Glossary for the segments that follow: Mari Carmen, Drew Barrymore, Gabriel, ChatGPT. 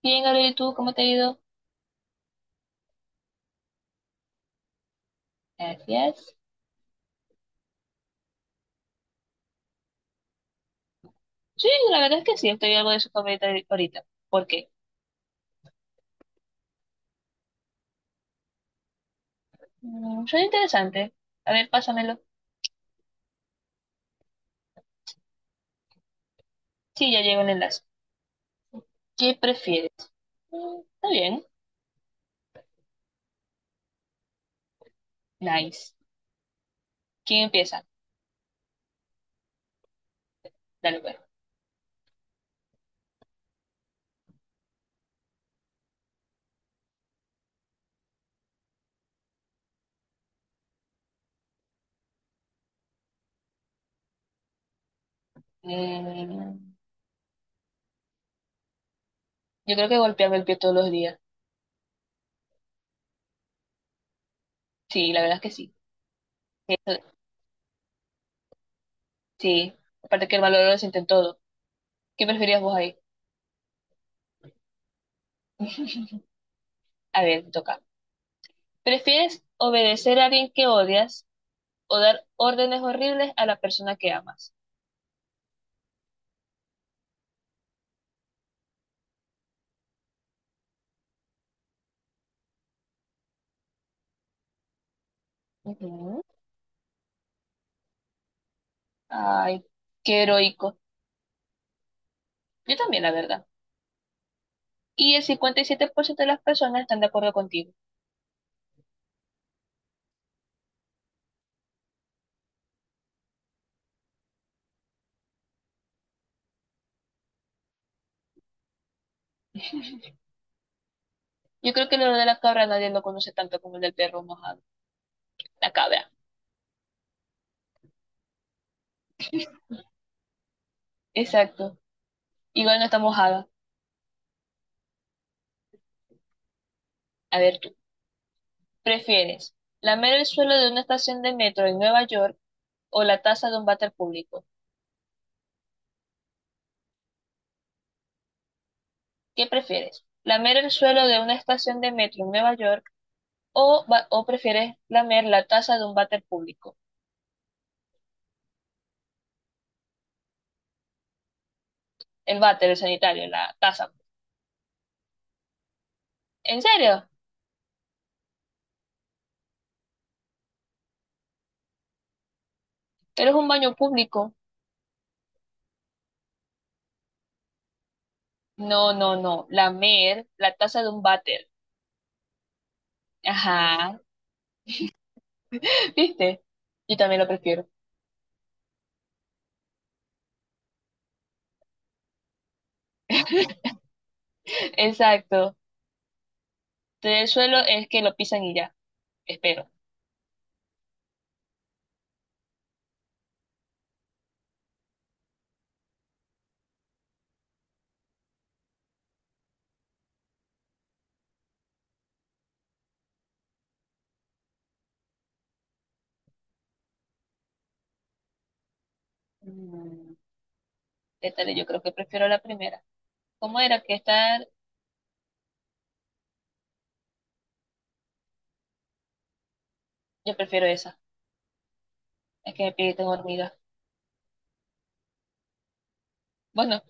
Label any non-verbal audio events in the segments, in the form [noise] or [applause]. Bien, Gabriel, ¿y tú cómo te ha ido? Gracias. Sí, la verdad es que sí, estoy algo de su ahorita. ¿Por qué? Suena interesante. A ver, pásamelo. Sí, ya llegó el enlace. ¿Qué prefieres? Está bien. Nice. ¿Quién empieza? Dale, pues. Mm, yo creo que golpearme el pie todos los días. Sí, la verdad es que sí. Eso- sí. Aparte que el valor lo sienten todo. ¿Qué preferías vos ahí? [laughs] A ver, me toca. ¿Prefieres obedecer a alguien que odias o dar órdenes horribles a la persona que amas? Ujú. Ay, qué heroico. Yo también, la verdad. Y el 57% de las personas están de acuerdo contigo. Yo creo que lo de la cabra nadie lo conoce tanto como el del perro mojado. La cabra. Exacto. Igual no está mojada. A ver tú. ¿Prefieres lamer el suelo de una estación de metro en Nueva York o la taza de un váter público? ¿Qué prefieres? ¿Lamer el suelo de una estación de metro en Nueva York o, o prefieres lamer la taza de un váter público? El váter, el sanitario, la taza. ¿En serio? Pero es un baño público. No, no, no. Lamer la taza de un váter. Ajá. [laughs] ¿Viste? Yo también lo prefiero. Exacto. El suelo es que lo pisan y ya. Espero. Mm, ¿Qué tal? Yo creo que prefiero la primera. ¿Cómo era que estar? Yo prefiero esa. Es que me pide tengo hormigas. Bueno,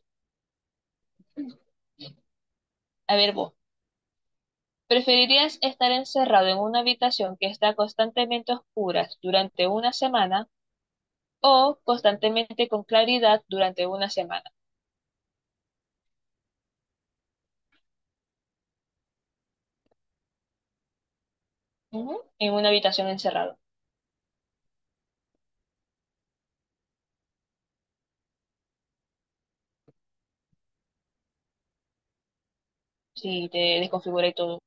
a ver vos. ¿Preferirías estar encerrado en una habitación que está constantemente oscura durante una semana o constantemente con claridad durante una semana? Ujú. En una habitación encerrado. Sí, te desconfigura y todo.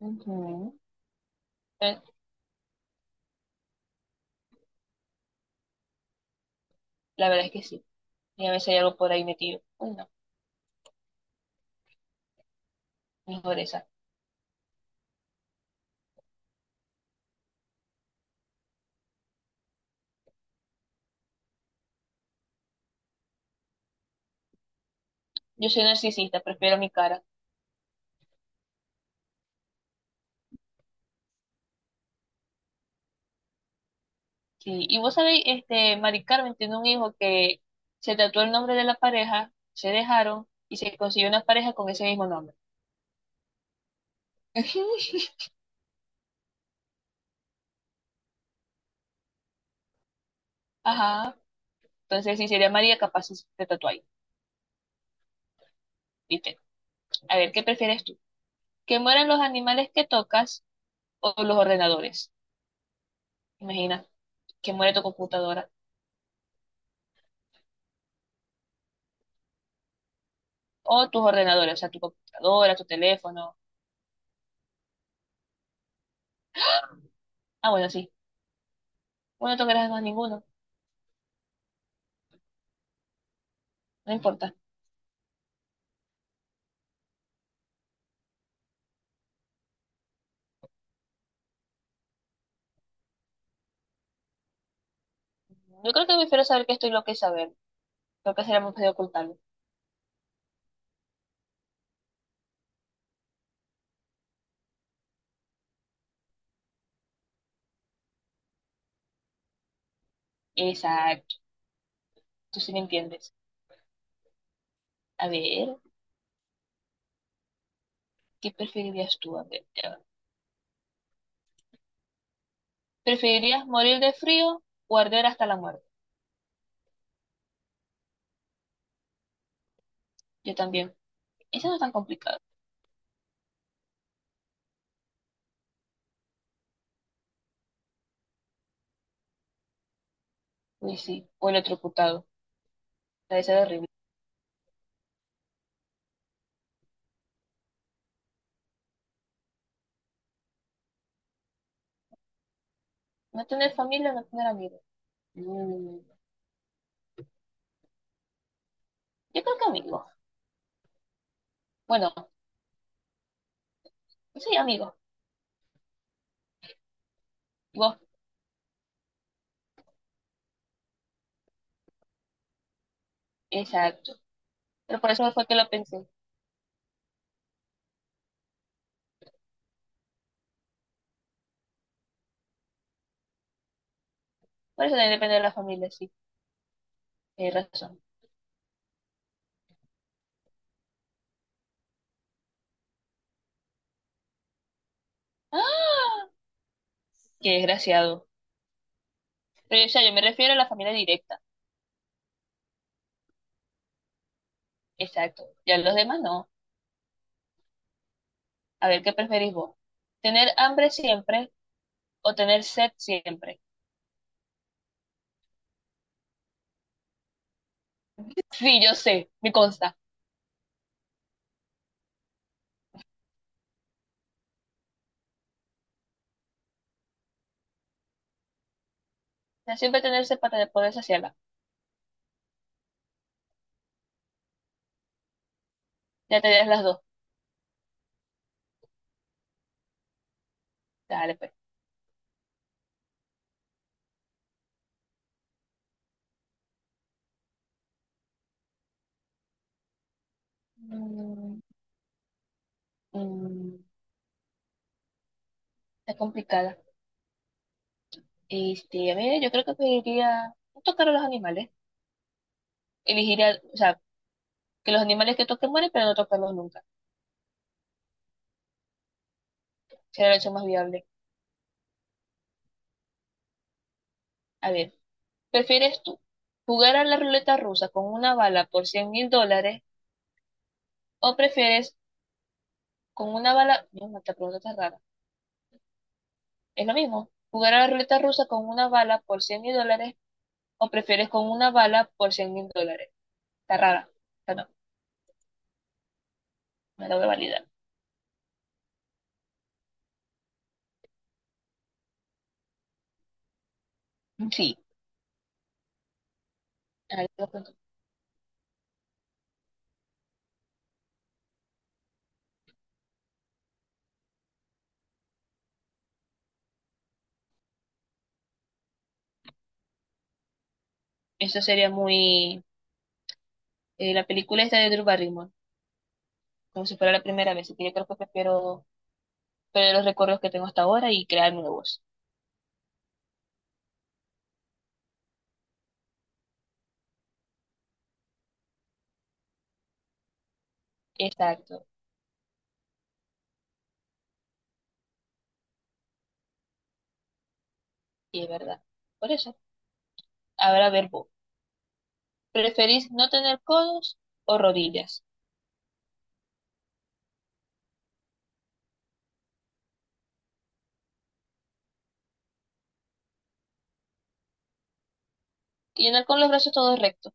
Ujú. Eh, La verdad es que sí. Y a veces hay algo por ahí metido. Uy, no, mejor esa. Yo soy narcisista, prefiero mi cara. Sí. Y vos sabéis, este, Mari Carmen tiene un hijo que se tatuó el nombre de la pareja, se dejaron y se consiguió una pareja con ese mismo nombre. [laughs] Ajá. Entonces, si sería María, capaz si te tatúa ahí. ¿Viste? A ver, ¿qué prefieres tú? ¿Que mueran los animales que tocas o los ordenadores? Imagina, que muere tu computadora. O tus ordenadores, o sea, tu computadora, tu teléfono. Ah, bueno, sí. Bueno, no tocarás más ninguno, no importa. Yo creo que prefiero saber que estoy lo que saber. Lo que será más fácil ocultarlo. Exacto, tú sí me entiendes. A ver, ¿qué preferirías tú? A ver, ya va. ¿Preferirías morir de frío o arder hasta la muerte? Yo también. Eso no es tan complicado. Uy, sí. O electrocutado. Debe ser horrible. No tener familia, no tener amigos. Mm, Yo creo que amigos. Bueno, sí, amigos. Vos, exacto. Pero por eso fue que lo pensé. Por eso también depende de la familia, sí, tienes razón. ¡Ah! Qué desgraciado. Pero, o sea, yo me refiero a la familia directa. Exacto. Ya los demás no. A ver, ¿qué preferís vos? ¿Tener hambre siempre o tener sed siempre? Sí, yo sé, me consta. O siempre tener sed para poder saciarla. Ya tenías las dos. Dale, pues. Mm, mm, Está complicada. Este, a ver, yo creo que preferiría no tocar a los animales. Elegiría, o sea, que los animales que toquen mueren, pero no tocarlos nunca. Sería la opción más viable. A ver. ¿Prefieres tú jugar a la ruleta rusa con una bala por $100,000 o prefieres con una bala, no, no, esta pregunta está rara, es lo mismo, jugar a la ruleta rusa con una bala por 100 mil dólares o prefieres con una bala por 100 mil dólares? Está rara, esta no, me la voy a validar. Sí, a lo cuento. Eso sería muy, la película esta de Drew Barrymore, como si fuera la primera vez, así que yo creo que prefiero perder los recuerdos que tengo hasta ahora y crear nuevos. Exacto, y es verdad. Por eso, ahora a ver vos. ¿Preferís no tener codos o rodillas? Y andar con los brazos todos rectos.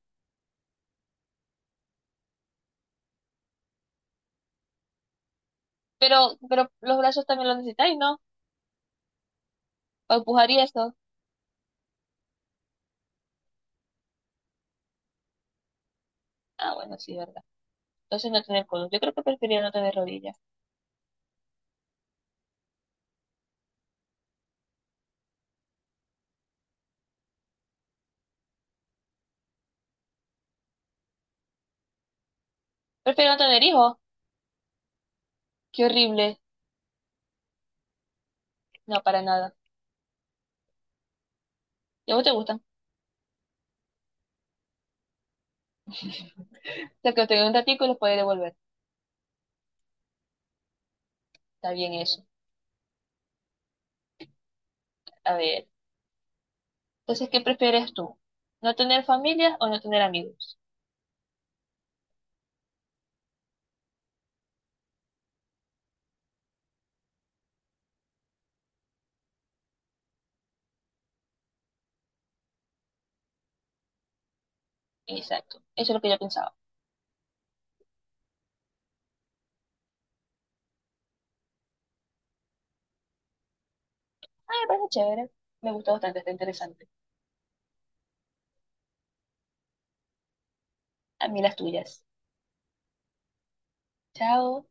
Pero los brazos también los necesitáis, ¿no? Para empujar y eso. Ah, bueno, sí, verdad. Entonces no tener codos. Yo creo que preferiría no tener rodillas. Prefiero no tener hijos. Qué horrible. No, para nada. ¿Y a vos te gustan? O sea, que los tengas un ratico y los podés devolver. Está bien eso. A ver. Entonces, ¿qué prefieres tú? ¿No tener familia o no tener amigos? Exacto. Eso es lo que yo pensaba. Ah, me parece chévere. Me gusta bastante, está interesante. A mí las tuyas. Chao.